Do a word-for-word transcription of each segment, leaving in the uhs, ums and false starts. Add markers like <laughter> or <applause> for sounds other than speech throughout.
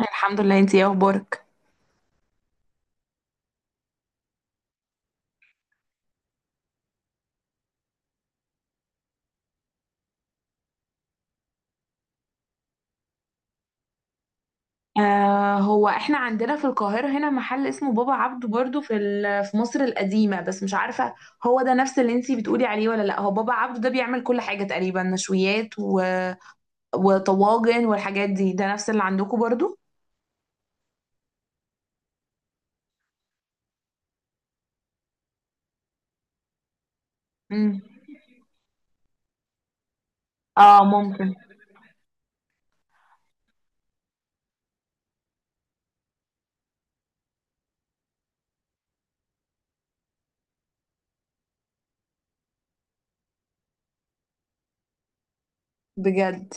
الحمد لله، انتي ايه اخبارك؟ آه، هو احنا عندنا في القاهرة هنا محل اسمه بابا عبده برضو في ال- في مصر القديمة، بس مش عارفة هو ده نفس اللي انتي بتقولي عليه ولا لا. هو بابا عبده ده بيعمل كل حاجة تقريبا، نشويات و... وطواجن والحاجات دي. ده نفس اللي عندكم برضو؟ امم. اه ممكن. بجد.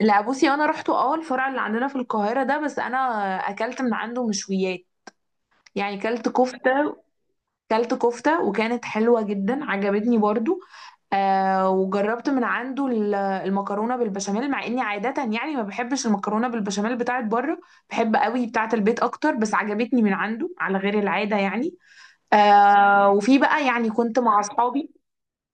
لا بصي، انا رحت اه الفرع اللي عندنا في القاهرة ده. بس انا اكلت من عنده مشويات، يعني كلت كفتة. كلت كفتة وكانت حلوة جدا، عجبتني برضو. آه، وجربت من عنده ال- المكرونه بالبشاميل، مع اني عاده يعني ما بحبش المكرونه بالبشاميل بتاعت بره. بحب قوي بتاعت البيت اكتر، بس عجبتني من عنده على غير العاده يعني. آه، وفي بقى يعني كنت مع اصحابي.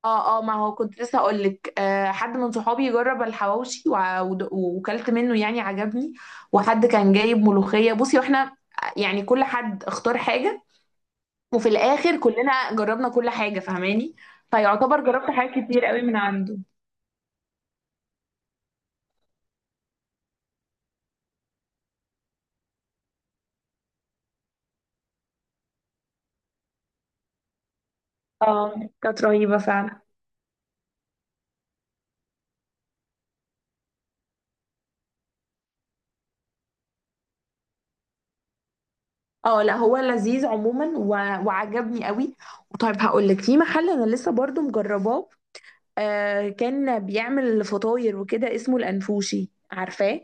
اه اه، ما هو كنت لسه اقول لك، آه حد من صحابي جرب الحواوشي، وع- ود- وكلت منه يعني عجبني. وحد كان جايب ملوخيه، بصي، واحنا يعني كل حد اختار حاجه، وفي الاخر كلنا جربنا كل حاجه، فاهماني؟ فيعتبر جربت حاجات كتير قوي من عنده. اه كانت رهيبة فعلا. اه لا، هو لذيذ عموما و... وعجبني قوي. وطيب هقول لك في محل انا لسه برضو مجرباه. آه كان بيعمل فطاير وكده اسمه الانفوشي، عارفاه؟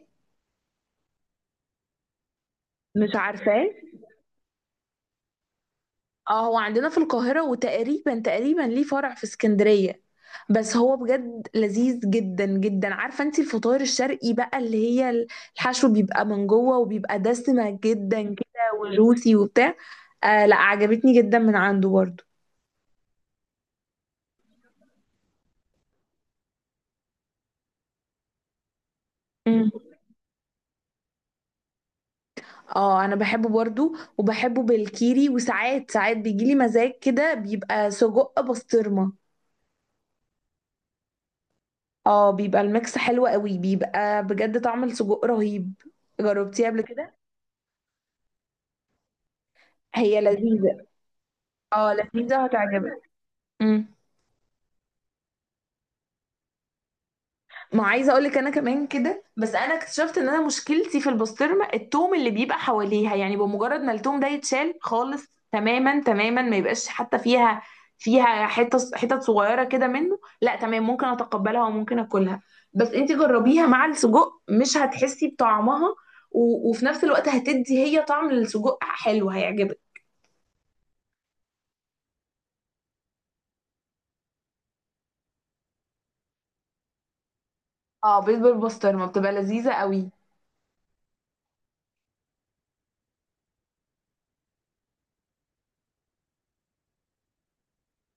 مش عارفاه؟ اه، هو عندنا في القاهرة، وتقريبا تقريبا ليه فرع في اسكندرية. بس هو بجد لذيذ جدا جدا. عارفة انت الفطاير الشرقي بقى اللي هي الحشو بيبقى من جوه وبيبقى دسمة جدا كده وجوسي وبتاع؟ آه لا، عجبتني جدا من عنده برضو. مم. اه، انا بحبه برضو. وبحبه بالكيري، وساعات ساعات بيجيلي مزاج كده بيبقى سجق بسطرمة. اه، بيبقى الميكس حلو قوي، بيبقى بجد طعم السجق رهيب. جربتيه قبل كده؟ هي لذيذة. اه لذيذة، هتعجبك. مم. ما عايزه اقول لك انا كمان كده، بس انا اكتشفت ان انا مشكلتي في البسطرمه التوم اللي بيبقى حواليها. يعني بمجرد ما التوم ده يتشال خالص، تماما تماما ما يبقاش حتى فيها. فيها حتت حتت صغيره كده منه، لا تمام، ممكن اتقبلها وممكن اكلها. بس انت جربيها مع السجق مش هتحسي بطعمها، و... وفي نفس الوقت هتدي هي طعم للسجق حلو، هيعجبك. اه، بيض بالبسطرمه بتبقى لذيذه قوي.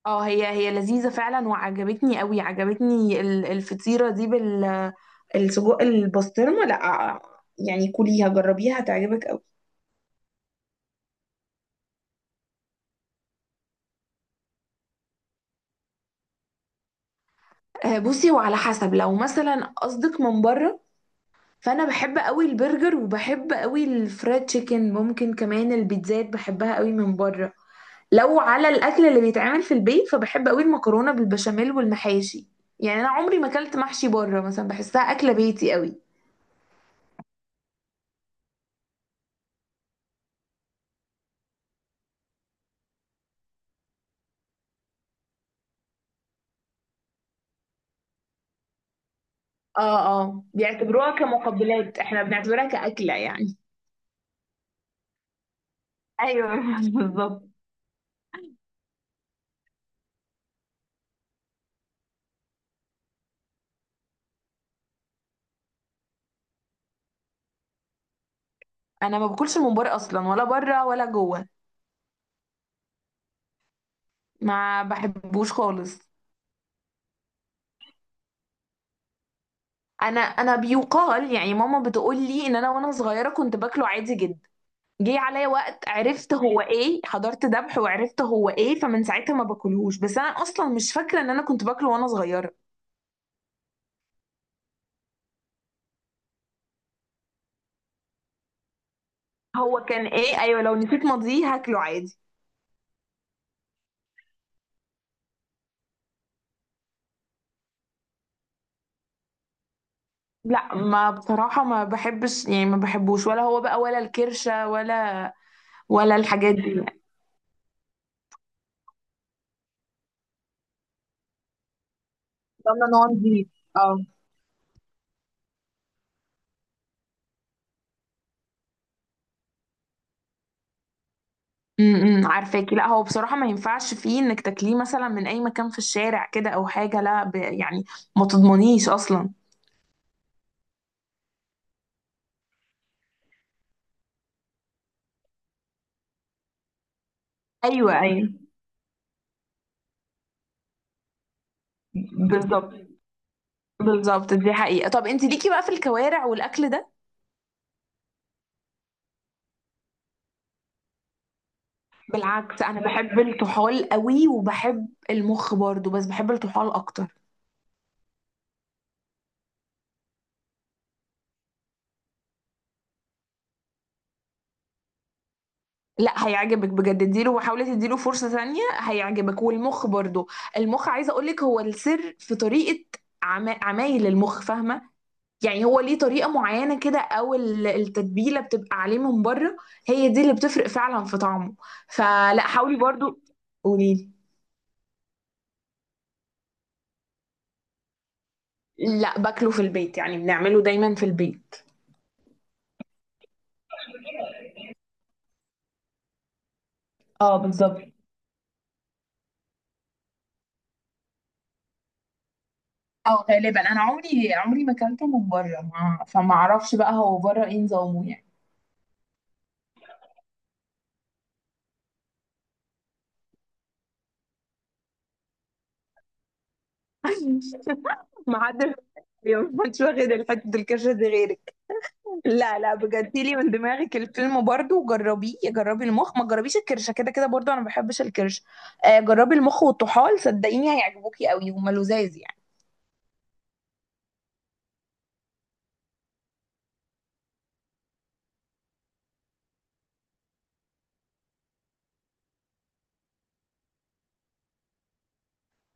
اه، هي هي لذيذة فعلا، وعجبتني قوي. عجبتني ال- الفطيرة دي بال السجق. البسطرمة لا. يعني كليها جربيها هتعجبك قوي. آه، بصي وعلى حسب لو مثلا قصدك من بره، فانا بحب قوي البرجر، وبحب قوي الفرايد تشيكن، ممكن كمان البيتزات بحبها قوي من بره. لو على الاكل اللي بيتعمل في البيت، فبحب قوي المكرونة بالبشاميل والمحاشي. يعني انا عمري ما اكلت محشي بره مثلا، بحسها اكلة بيتي قوي. اه اه، بيعتبروها كمقبلات، احنا بنعتبرها كأكلة يعني. ايوه. <laughs> بالظبط. انا ما باكلش الممبار اصلا، ولا بره ولا جوه. ما بحبوش خالص. انا انا بيقال يعني، ماما بتقول لي ان انا وانا صغيره كنت باكله عادي جدا. جه عليا وقت عرفت هو ايه، حضرت ذبح وعرفت هو ايه، فمن ساعتها ما باكلهوش. بس انا اصلا مش فاكره ان انا كنت باكله وانا صغيره. هو كان ايه؟ ايوه، لو نسيت ماضيه هاكله عادي. لا ما بصراحة ما بحبش، يعني ما بحبوش، ولا هو بقى، ولا الكرشة، ولا ولا الحاجات دي يعني. طبعا ان هو نضيف. اه. امم عارفاكي. لا هو بصراحة ما ينفعش فيه انك تاكليه مثلا من اي مكان في الشارع كده او حاجة، لا ب... يعني ما تضمنيش اصلا. ايوه ايوه، بالظبط. بالظبط، دي حقيقة. طب انت ليكي بقى في الكوارع والاكل ده؟ بالعكس، انا بحب الطحال قوي، وبحب المخ برضو، بس بحب الطحال اكتر. لا هيعجبك بجد، اديله وحاولي تديله فرصة تانية هيعجبك، والمخ برضو. المخ عايزة اقولك هو السر في طريقة عما- عمايل المخ، فاهمة؟ يعني هو ليه طريقة معينة كده، او ال- التتبيلة بتبقى عليه من بره. هي دي اللي بتفرق فعلا في طعمه. فلا حاولي برضو. قوليلي. لا، باكله في البيت، يعني بنعمله دايما في البيت. اه بالظبط. اه غالبا، انا عمري عمري ما اكلته من بره، ما... فما اعرفش بقى هو بره ايه نظامه يعني. <laughs> ما حدش اليوم، ما حدش واخد الحتة الكشة دي غيرك. لا لا بجد، لي من دماغك الفيلم برضو وجربيه، جربي المخ، ما تجربيش الكرشة كده كده. برضو انا ما بحبش الكرش. آه، جربي المخ والطحال، صدقيني هيعجبوكي قوي، هما لذاذ يعني.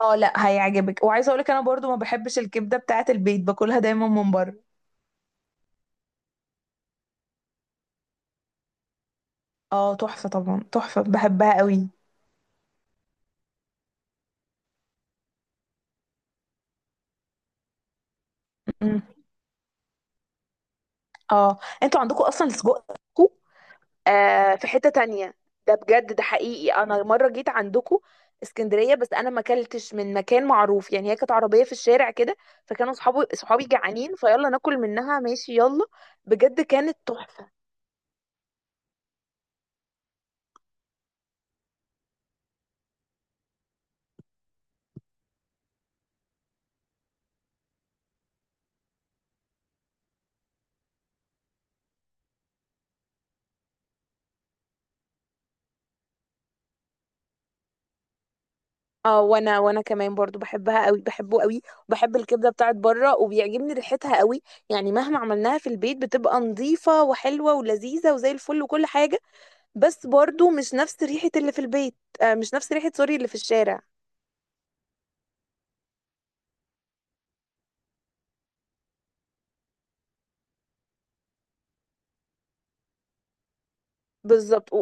اه لا، هيعجبك. وعايزه اقولك انا برضو ما بحبش الكبده بتاعه البيت، باكلها دايما من بره. اه تحفه، طبعا تحفه، بحبها قوي. م- م. اه، انتوا عندكم اصلا السجق آه في حتة تانية. ده بجد، ده حقيقي، انا مرة جيت عندكم اسكندرية، بس انا ما اكلتش من مكان معروف، يعني هي كانت عربية في الشارع كده، فكانوا صحابي صحابي جعانين، فيلا ناكل منها ماشي يلا. بجد كانت تحفة. اه، وانا وانا كمان برضو بحبها قوي، بحبه قوي. وبحب الكبدة بتاعت بره، وبيعجبني ريحتها قوي. يعني مهما عملناها في البيت بتبقى نظيفة وحلوة ولذيذة وزي الفل وكل حاجة، بس برضو مش نفس ريحة اللي في البيت. آه، مش نفس ريحة، سوري، اللي في الشارع. بالظبط،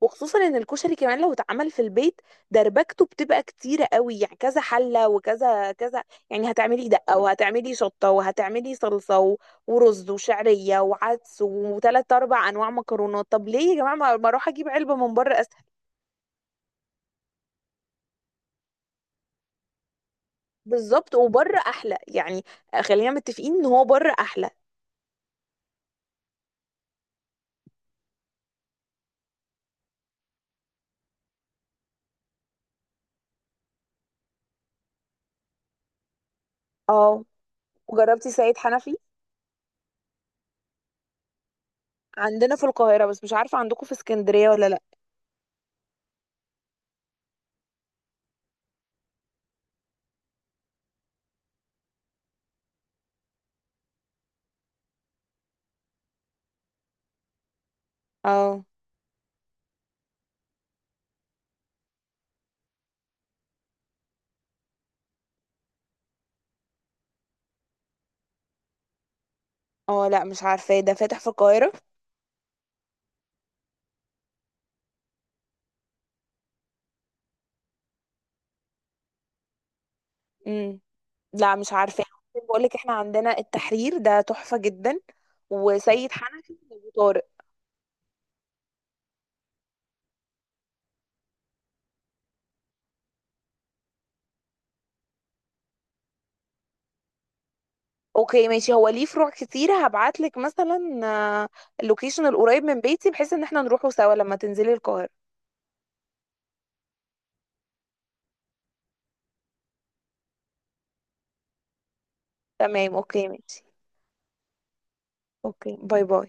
وخصوصا ان الكشري كمان لو اتعمل في البيت، دربكته بتبقى كتيره قوي، يعني كذا حله وكذا كذا. يعني هتعملي دقه وهتعملي شطه وهتعملي صلصه و- ورز وشعريه وعدس وثلاث اربع انواع مكرونات. طب ليه يا جماعه، ما ما اروح اجيب علبه من بره اسهل؟ بالظبط، وبره احلى يعني. خلينا متفقين ان هو بره احلى. اه، وجربتي سيد حنفي؟ عندنا في القاهره، بس مش عارفه عندكم في اسكندريه ولا لا. اه اه لا، مش عارفاه. ده فاتح في القاهره؟ لا مش عارفة. بقول لك احنا عندنا التحرير ده تحفة جدا، وسيد حنفي وابو طارق. اوكي ماشي، هو ليه فروع كتير، هبعت لك مثلا. آه، اللوكيشن القريب من بيتي، بحيث ان احنا نروحه سوا لما تنزلي القاهرة. تمام اوكي ماشي. اوكي باي باي.